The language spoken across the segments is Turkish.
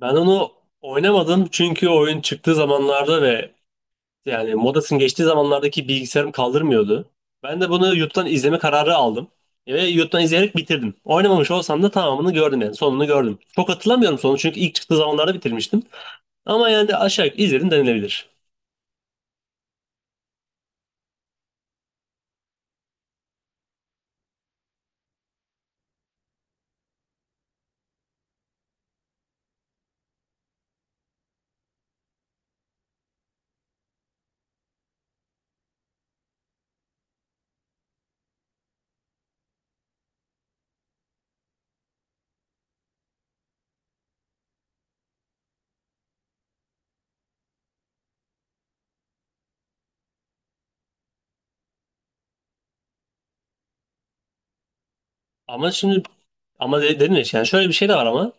Ben onu oynamadım çünkü oyun çıktığı zamanlarda ve modasının geçtiği zamanlardaki bilgisayarım kaldırmıyordu. Ben de bunu YouTube'dan izleme kararı aldım. Ve YouTube'dan izleyerek bitirdim. Oynamamış olsam da tamamını gördüm sonunu gördüm. Çok hatırlamıyorum sonu çünkü ilk çıktığı zamanlarda bitirmiştim. Ama de aşağı yukarı izledim denilebilir. Ama şimdi ama de- dedim ya yani şöyle bir şey de var ama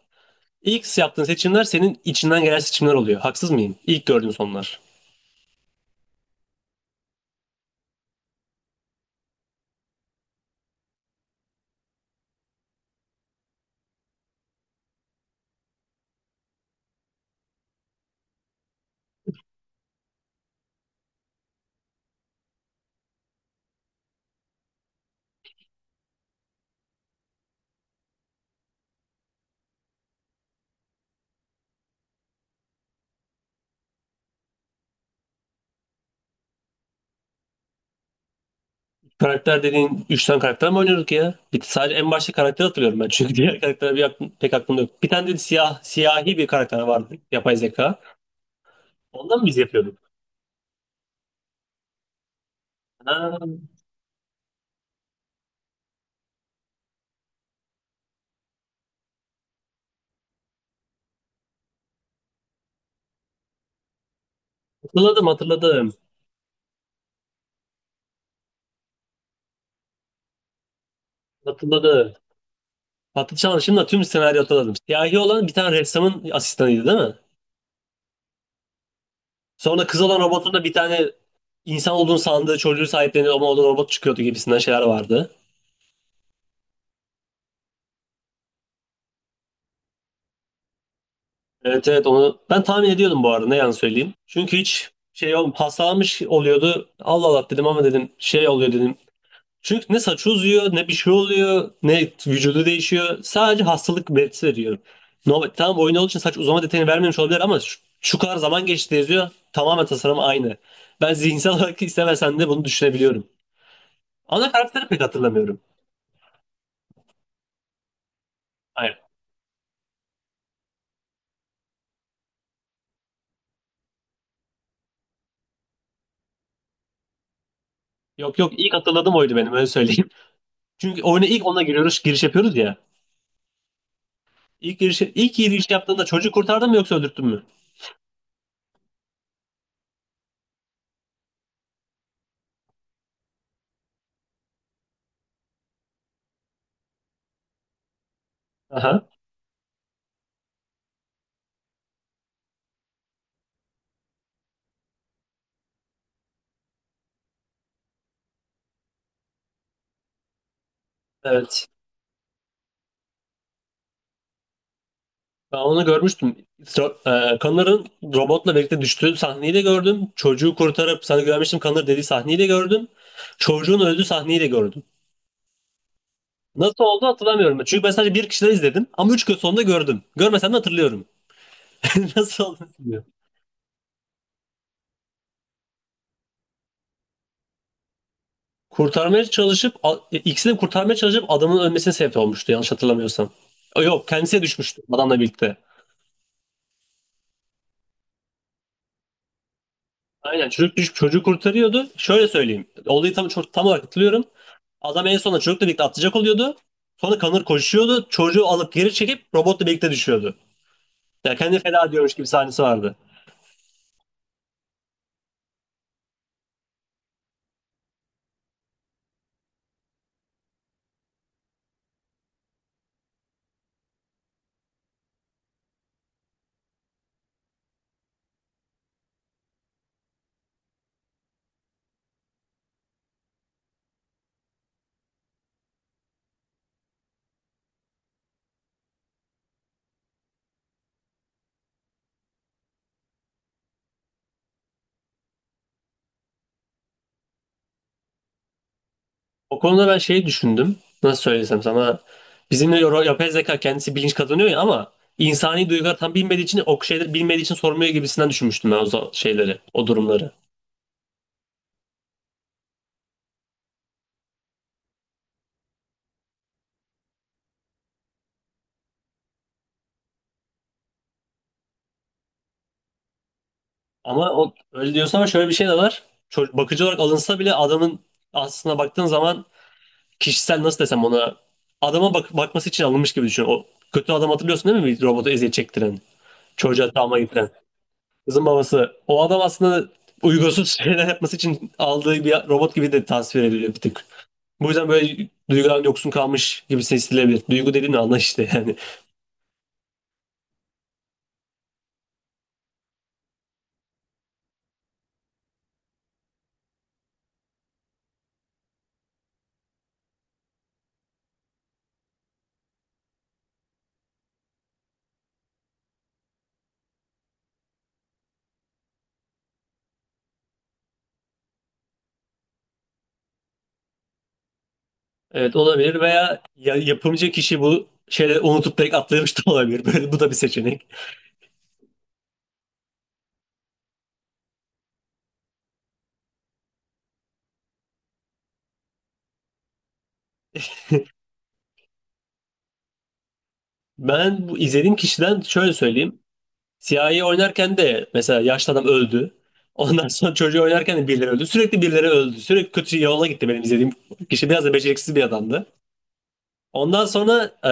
ilk yaptığın seçimler senin içinden gelen seçimler oluyor. Haksız mıyım? İlk gördüğün sonlar. Karakter dediğin 3 tane karakter mi oynuyorduk ya? Bir, sadece en başta karakteri hatırlıyorum ben. Çünkü diğer karakter pek aklımda yok. Bir tane de siyahi bir karakter vardı. Yapay zeka. Ondan mı biz yapıyorduk? Ha, hatırladım. Hatırladım. Patlıcan'ın şimdi tüm senaryo hatırladım. Siyahi olan bir tane ressamın asistanıydı, değil mi? Sonra kız olan robotun da bir tane insan olduğunu sandığı çocuğu sahiplenir ama o da robot çıkıyordu gibisinden şeyler vardı. Evet evet, onu ben tahmin ediyordum bu arada, ne yalan söyleyeyim. Çünkü hiç olm hastalanmış oluyordu. Allah Allah dedim ama dedim şey oluyor dedim. Çünkü ne saçı uzuyor ne bir şey oluyor ne vücudu değişiyor. Sadece hastalık belirtisi veriyor. No, tamam, oyun olduğu için saç uzama detayını vermemiş olabilir ama şu kadar zaman geçti yazıyor. Tamamen tasarım aynı. Ben zihinsel olarak istemesen de bunu düşünebiliyorum. Ana karakteri pek hatırlamıyorum. Hayır. Yok yok, ilk hatırladığım oydu benim, öyle söyleyeyim. Çünkü oyuna ilk ona giriyoruz, giriş yapıyoruz ya. İlk giriş yaptığında çocuğu kurtardın mı yoksa öldürttün mü? Aha, evet. Ben onu görmüştüm. Connor'ın robotla birlikte düştüğü sahneyi de gördüm. Çocuğu kurtarıp sana güvenmiştim Connor dediği sahneyi de gördüm. Çocuğun öldüğü sahneyi de gördüm. Nasıl oldu hatırlamıyorum. Çünkü ben sadece bir kişiden izledim ama üç gün sonunda gördüm. Görmesem de hatırlıyorum. Nasıl oldu bilmiyorum. Kurtarmaya çalışıp, a- e, ikisini de kurtarmaya çalışıp adamın ölmesine sebep olmuştu yanlış hatırlamıyorsam. Yok, kendisi düşmüştü adamla birlikte. Aynen, çocuk düşüp çocuğu kurtarıyordu. Şöyle söyleyeyim. Olayı tam olarak hatırlıyorum. Adam en sonunda çocukla birlikte atlayacak oluyordu. Sonra Connor koşuyordu. Çocuğu alıp geri çekip robotla birlikte düşüyordu. Ya kendi feda diyormuş gibi sahnesi vardı. O konuda ben şeyi düşündüm. Nasıl söylesem sana. Yapay zeka kendisi bilinç kazanıyor ya ama insani duygular tam bilmediği için o şeyleri bilmediği için sormuyor gibisinden düşünmüştüm ben şeyleri, o durumları. Ama öyle diyorsun ama şöyle bir şey de var. Bakıcı olarak alınsa bile adamın aslına baktığın zaman kişisel nasıl desem ona adama bak bakması için alınmış gibi düşün. O kötü adam hatırlıyorsun değil mi? Bir robotu eziyet çektiren, çocuğa travma getiren. Kızın babası. O adam aslında uygunsuz şeyler yapması için aldığı bir robot gibi de tasvir ediliyor bir tık. Bu yüzden böyle duygudan yoksun kalmış gibi hissedilebilir. Duygu dediğin anla işte yani. Evet olabilir veya yapımcı kişi bu şeyleri unutup direkt atlamış da olabilir. Böyle bu da bir seçenek. Ben bu izlediğim kişiden şöyle söyleyeyim. Siyahi oynarken de mesela yaşlı adam öldü. Ondan sonra çocuğu oynarken de birileri öldü. Sürekli birileri öldü. Sürekli kötü yola gitti benim izlediğim kişi. Biraz da beceriksiz bir adamdı. Ondan sonra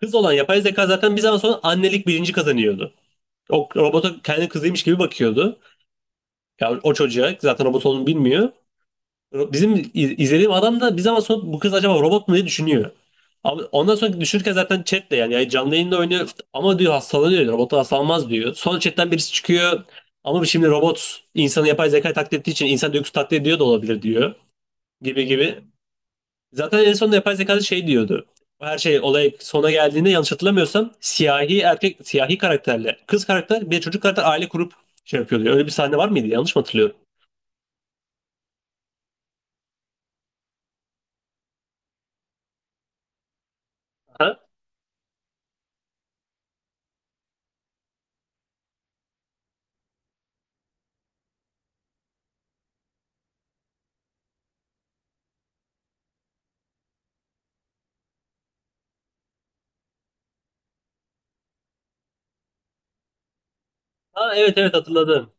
kız olan yapay zeka zaten bir zaman sonra annelik bilinci kazanıyordu. O robota kendi kızıymış gibi bakıyordu. Ya o çocuğa zaten robot olduğunu bilmiyor. İzlediğim adam da bir zaman sonra bu kız acaba robot mu diye düşünüyor. Ama ondan sonra düşünürken zaten chatle yani canlı yayında oynuyor ama diyor hastalanıyor diyor. Robot hastalanmaz diyor. Sonra chatten birisi çıkıyor ama şimdi robot insanı yapay zeka taklit ettiği için insan duygusu taklit ediyor da olabilir diyor gibi gibi. Zaten en sonunda yapay zeka da şey diyordu. Her şey olay sona geldiğinde yanlış hatırlamıyorsam siyahi karakterle kız karakter bir de çocuk karakter aile kurup şey yapıyor diyor. Öyle bir sahne var mıydı? Yanlış mı hatırlıyorum? Ha? Ha, evet evet, hatırladım.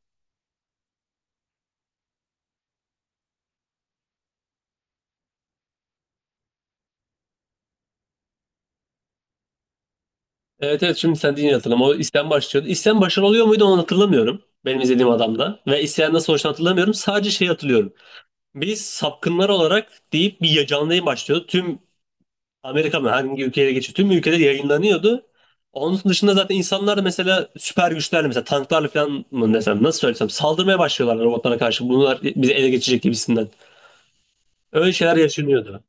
Evet evet, şimdi sen deyince hatırladım. O isyan başlıyordu. İsyan başarılı oluyor muydu onu hatırlamıyorum. Benim izlediğim adamda. Ve isyandan sonuçta hatırlamıyorum. Sadece şey hatırlıyorum. Biz sapkınlar olarak deyip bir canlı yayın başlıyordu. Tüm Amerika mı, hangi ülkeye geçiyor? Tüm ülkede yayınlanıyordu. Onun dışında zaten insanlar da mesela süper güçlerle mesela tanklarla falan mı desem nasıl söylesem saldırmaya başlıyorlar robotlara karşı. Bunlar bizi ele geçirecek gibisinden. Öyle şeyler yaşanıyordu.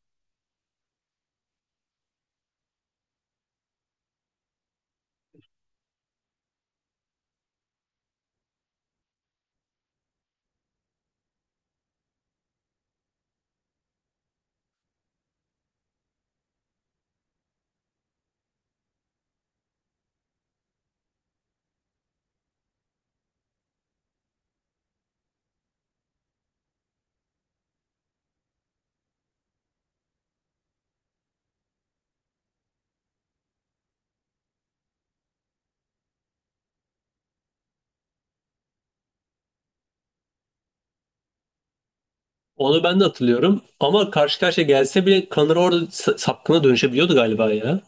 Onu ben de hatırlıyorum. Ama karşı karşıya gelse bile Kanır orada sapkına dönüşebiliyordu galiba ya.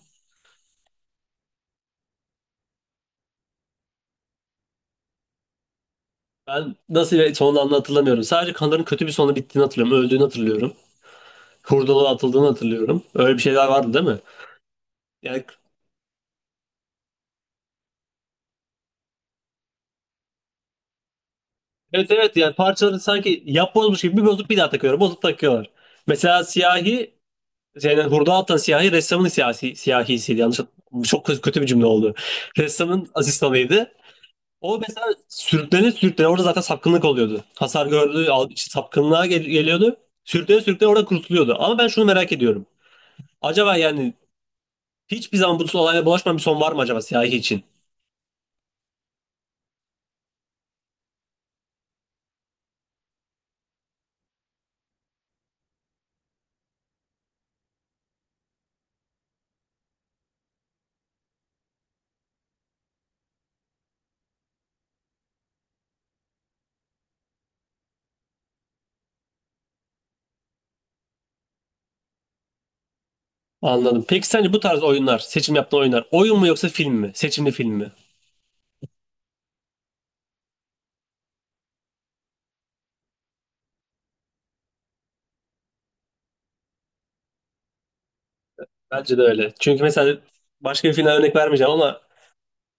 Ben nasıl bir sonlandı hatırlamıyorum. Sadece Kanır'ın kötü bir sonu bittiğini hatırlıyorum. Öldüğünü hatırlıyorum. Hurdalığa atıldığını hatırlıyorum. Öyle bir şeyler vardı değil mi? Yani evet evet, yani parçaları sanki yapbozmuş gibi bir bozup bir daha takıyorlar. Bozup takıyorlar. Mesela siyahi hurdalığa atan siyahi ressamın siyahisiydi. Yanlış hatırlamıyorum. Çok kötü bir cümle oldu. Ressamın asistanıydı. O mesela sürüklene sürüklene orada zaten sapkınlık oluyordu. Hasar gördü, al- işte Sapkınlığa geliyordu. Sürüklene sürüklene orada kurtuluyordu. Ama ben şunu merak ediyorum. Acaba hiçbir zaman bu olayla bulaşmayan bir son var mı acaba siyahi için? Anladım. Peki sence bu tarz oyunlar, seçim yaptığın oyunlar oyun mu yoksa film mi? Seçimli film mi? Bence de öyle. Çünkü mesela başka bir filmden örnek vermeyeceğim ama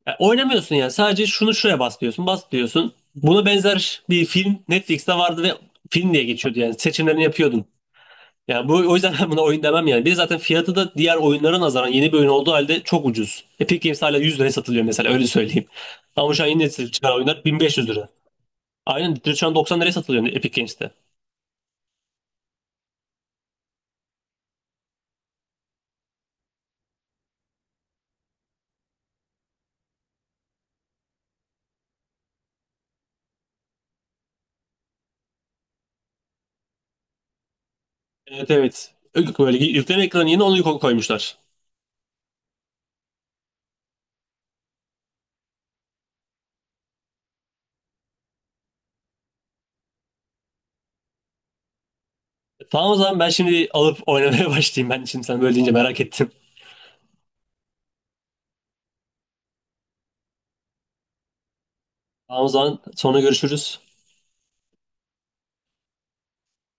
ya oynamıyorsun yani. Sadece şunu şuraya bas diyorsun. Buna benzer bir film Netflix'te vardı ve film diye geçiyordu yani. Seçimlerini yapıyordun. Yani bu o yüzden ben buna oyun demem yani. Bir de zaten fiyatı da diğer oyunlara nazaran yeni bir oyun olduğu halde çok ucuz. Epic Games hala 100 liraya satılıyor mesela, öyle söyleyeyim. Ama şu an yeni nesil çıkan oyunlar 1500 lira. Aynen, direkt şu an 90 liraya satılıyor Epic Games'te. Evet evet. Böyle yükleme ekranı yeni onu koymuşlar. Tamam o zaman ben şimdi alıp oynamaya başlayayım. Ben şimdi sen böyle deyince merak ettim. Tamam o zaman sonra görüşürüz.